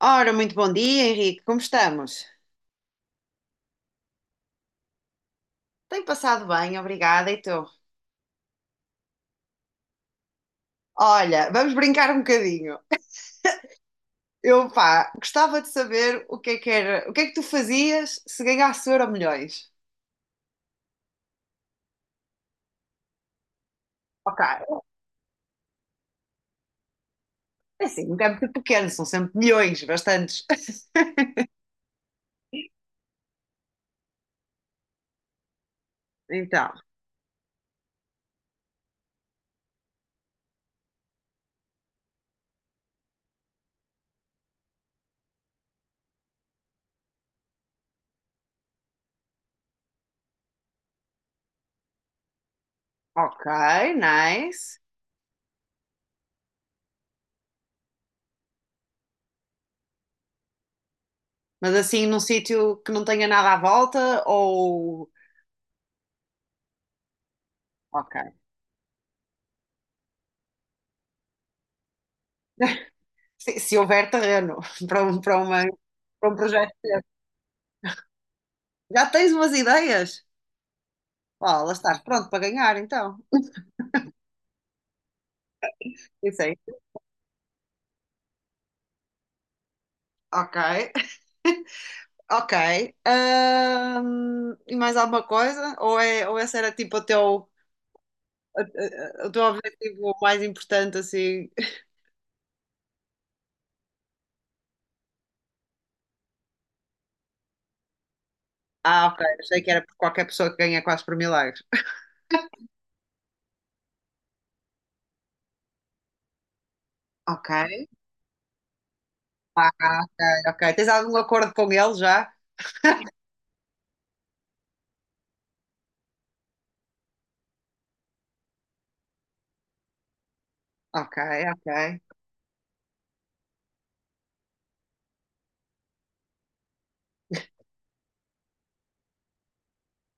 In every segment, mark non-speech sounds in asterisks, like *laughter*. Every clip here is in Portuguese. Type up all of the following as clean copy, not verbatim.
Ora, muito bom dia, Henrique. Como estamos? Tenho passado bem, obrigada. E tu? Olha, vamos brincar um bocadinho. Gostava de saber o que é que tu fazias se ganhasse euro milhões? Ok. É assim, nunca é muito pequeno, são sempre milhões, bastantes. *laughs* Então, ok, nice. Mas assim, num sítio que não tenha nada à volta ou... Ok. Se houver terreno *laughs* para uma, para um projeto. Já tens umas ideias? Ó, lá estás pronto para ganhar, então. Pensei, ok, ok. E mais alguma coisa? Ou esse era tipo o teu, o teu objetivo mais importante, assim? Ah, ok, achei que era por qualquer pessoa que ganha quase por milagres. Ok, ah, ok, ok. Tens algum acordo com ele já? Ok, ok,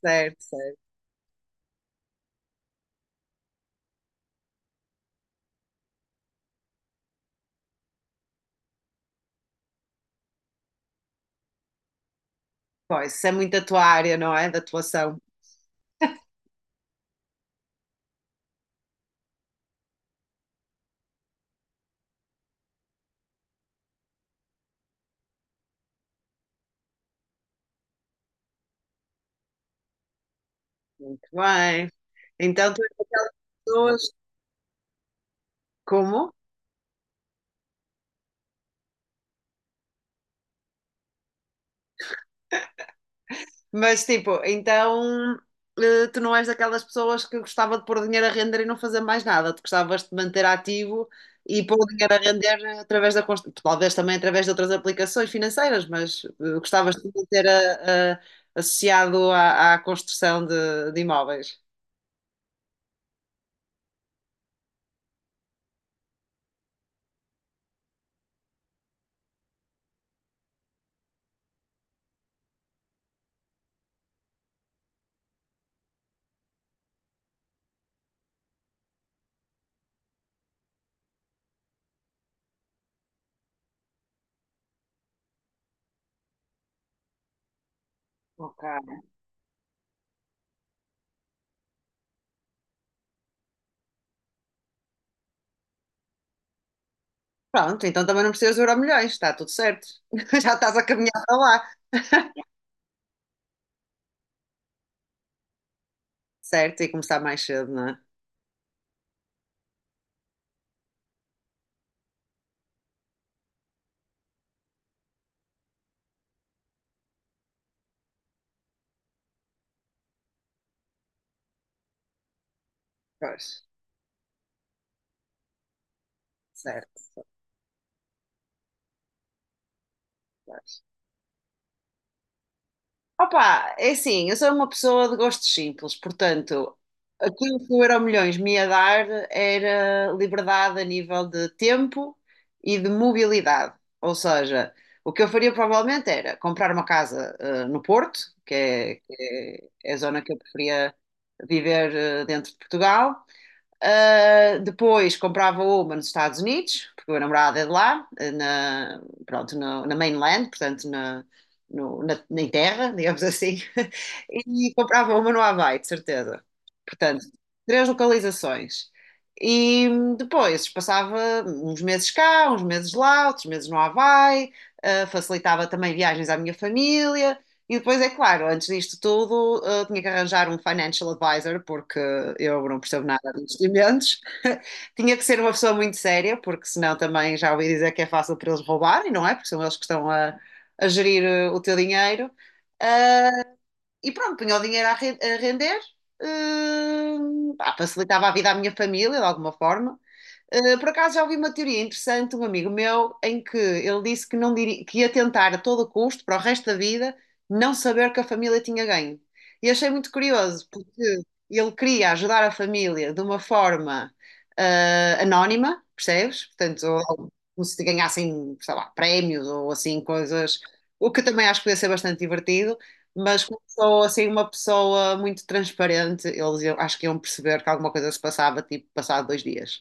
certo, certo. Pois, isso é muito a tua área, não é? Da atuação. Muito bem. Então, tu és aquelas pessoas. Como? Mas tipo, então tu não és daquelas pessoas que gostava de pôr dinheiro a render e não fazer mais nada. Tu gostavas de manter ativo e pôr o dinheiro a render através talvez também através de outras aplicações financeiras, mas gostavas de manter associado à construção de imóveis. Ok. Pronto, então também não precisas de Euromilhões, está tudo certo. *laughs* Já estás a caminhar para lá. *laughs* Certo, e começar mais cedo, não é? Pois, certo. Opa, é assim, eu sou uma pessoa de gostos simples, portanto, aquilo que o Euromilhões me ia dar era liberdade a nível de tempo e de mobilidade. Ou seja, o que eu faria provavelmente era comprar uma casa no Porto, que é a zona que eu preferia viver, dentro de Portugal. Depois comprava uma nos Estados Unidos, porque o meu namorado é de lá, na mainland, portanto na, no- na, na terra, digamos assim, *laughs* e comprava uma no Havaí, de certeza. Portanto, três localizações. E depois passava uns meses cá, uns meses lá, outros meses no Havaí. Ah, facilitava também viagens à minha família, e depois, é claro, antes disto tudo, tinha que arranjar um financial advisor, porque eu não percebo nada de investimentos. *laughs* Tinha que ser uma pessoa muito séria, porque senão também já ouvi dizer que é fácil para eles roubarem, não é? Porque são eles que a gerir, o teu dinheiro. E pronto, punha o dinheiro a render, eh, facilitava a vida à minha família, de alguma forma. Por acaso já ouvi uma teoria interessante de um amigo meu em que ele disse que, não diria, que ia tentar a todo custo, para o resto da vida, não saber que a família tinha ganho. E achei muito curioso, porque ele queria ajudar a família de uma forma anónima, percebes? Portanto, ou... como se ganhassem, sei lá, prémios ou assim, coisas, o que também acho que podia ser bastante divertido, mas começou assim uma pessoa muito transparente, acho que iam perceber que alguma coisa se passava, tipo, passado dois dias.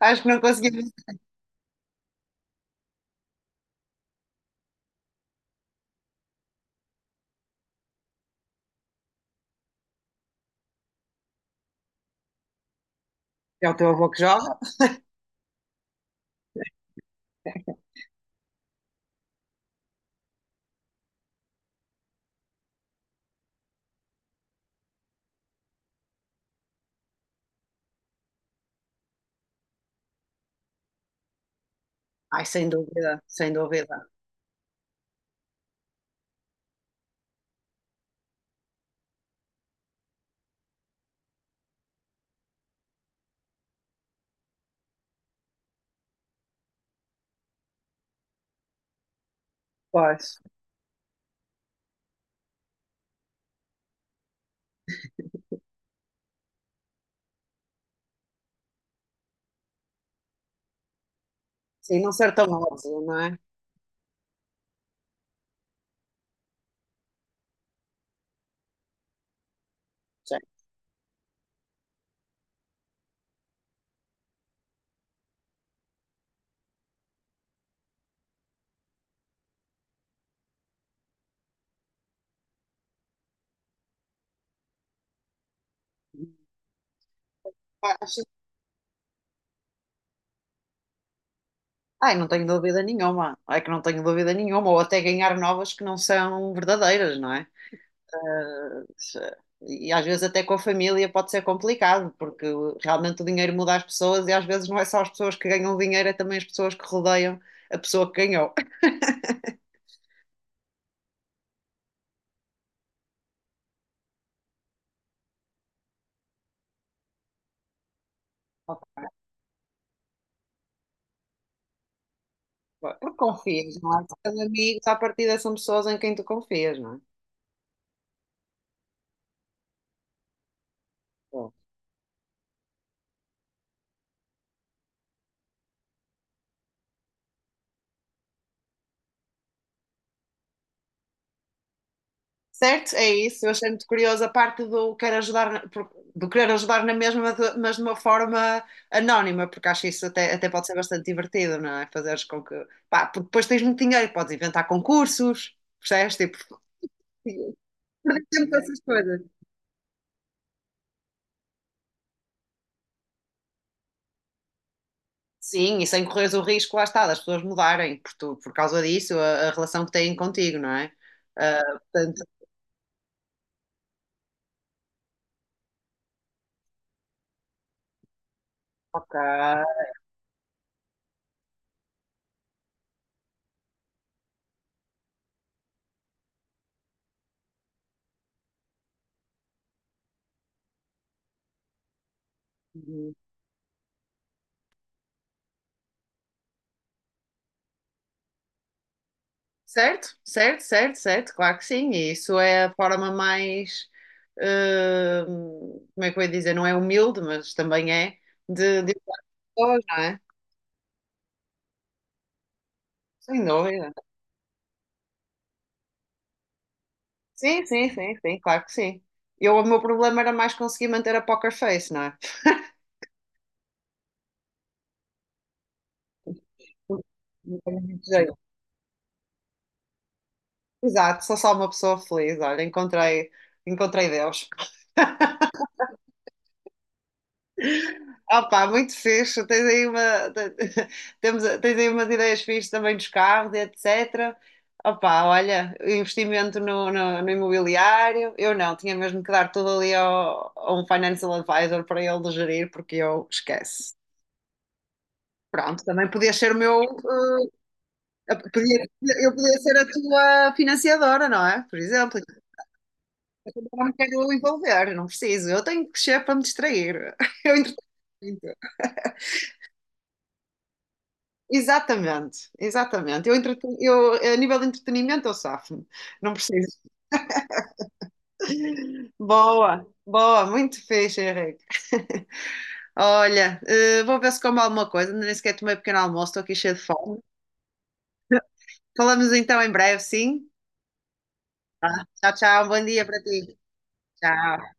Acho que não conseguimos. É o teu avô que joga? Ai, sem dúvida, sem dúvida. Pois. Sim, não ser tão modo, não é? Sim. Acho... Ai, não tenho dúvida nenhuma. É que não tenho dúvida nenhuma. Ou até ganhar novas que não são verdadeiras, não é? Eh, E às vezes até com a família pode ser complicado, porque realmente o dinheiro muda as pessoas e às vezes não é só as pessoas que ganham dinheiro, é também as pessoas que rodeiam a pessoa que ganhou. Porque confias, não é? São amigos, à partida são pessoas em quem tu confias, não é? Certo? É isso. Eu achei muito curioso a parte do querer ajudar, do querer ajudar na mesma, mas de uma forma anónima, porque acho isso até pode ser bastante divertido, não é? Fazeres com que... Pá, porque depois tens muito dinheiro, e podes inventar concursos, percebes? Tipo, perder tempo com essas coisas. Sim, e sem correres o risco, lá está, das pessoas mudarem por causa disso, a relação que têm contigo, não é? Ah, portanto, ok. Certo, certo, certo, certo, claro que sim. E isso é a forma mais, como é que eu ia dizer, não é humilde, mas também é de pessoas, não é? Sem dúvida. Sim, sim, sim, sim, claro que sim. Eu, o meu problema era mais conseguir manter a poker face, não é? Não tenho muito jeito. Exato, sou só uma pessoa feliz, olha, encontrei, encontrei Deus. Opa, muito fixe. Tens aí uma, te- *laughs* tens aí umas ideias fixes também dos carros, e etc. Opa, olha, investimento no imobiliário. Eu não, tinha mesmo que dar tudo ali ao, a um financial advisor para ele gerir, porque eu esqueço. Pronto, também podia ser o meu. Podia- eu podia ser a tua financiadora, não é? Por exemplo, eu não me quero envolver, não preciso. Eu tenho que crescer para me distrair. *laughs* Eu entretenho. Exatamente, exatamente. Eu, a nível de entretenimento, eu safo-me. Não preciso. Boa, boa, muito fixe, Henrique. *laughs* Olha, vou ver se como alguma coisa. Ainda nem sequer tomei um pequeno almoço, estou aqui cheia de fome. Falamos então em breve, sim? Tá. Tchau, tchau. Bom dia para ti. Tchau.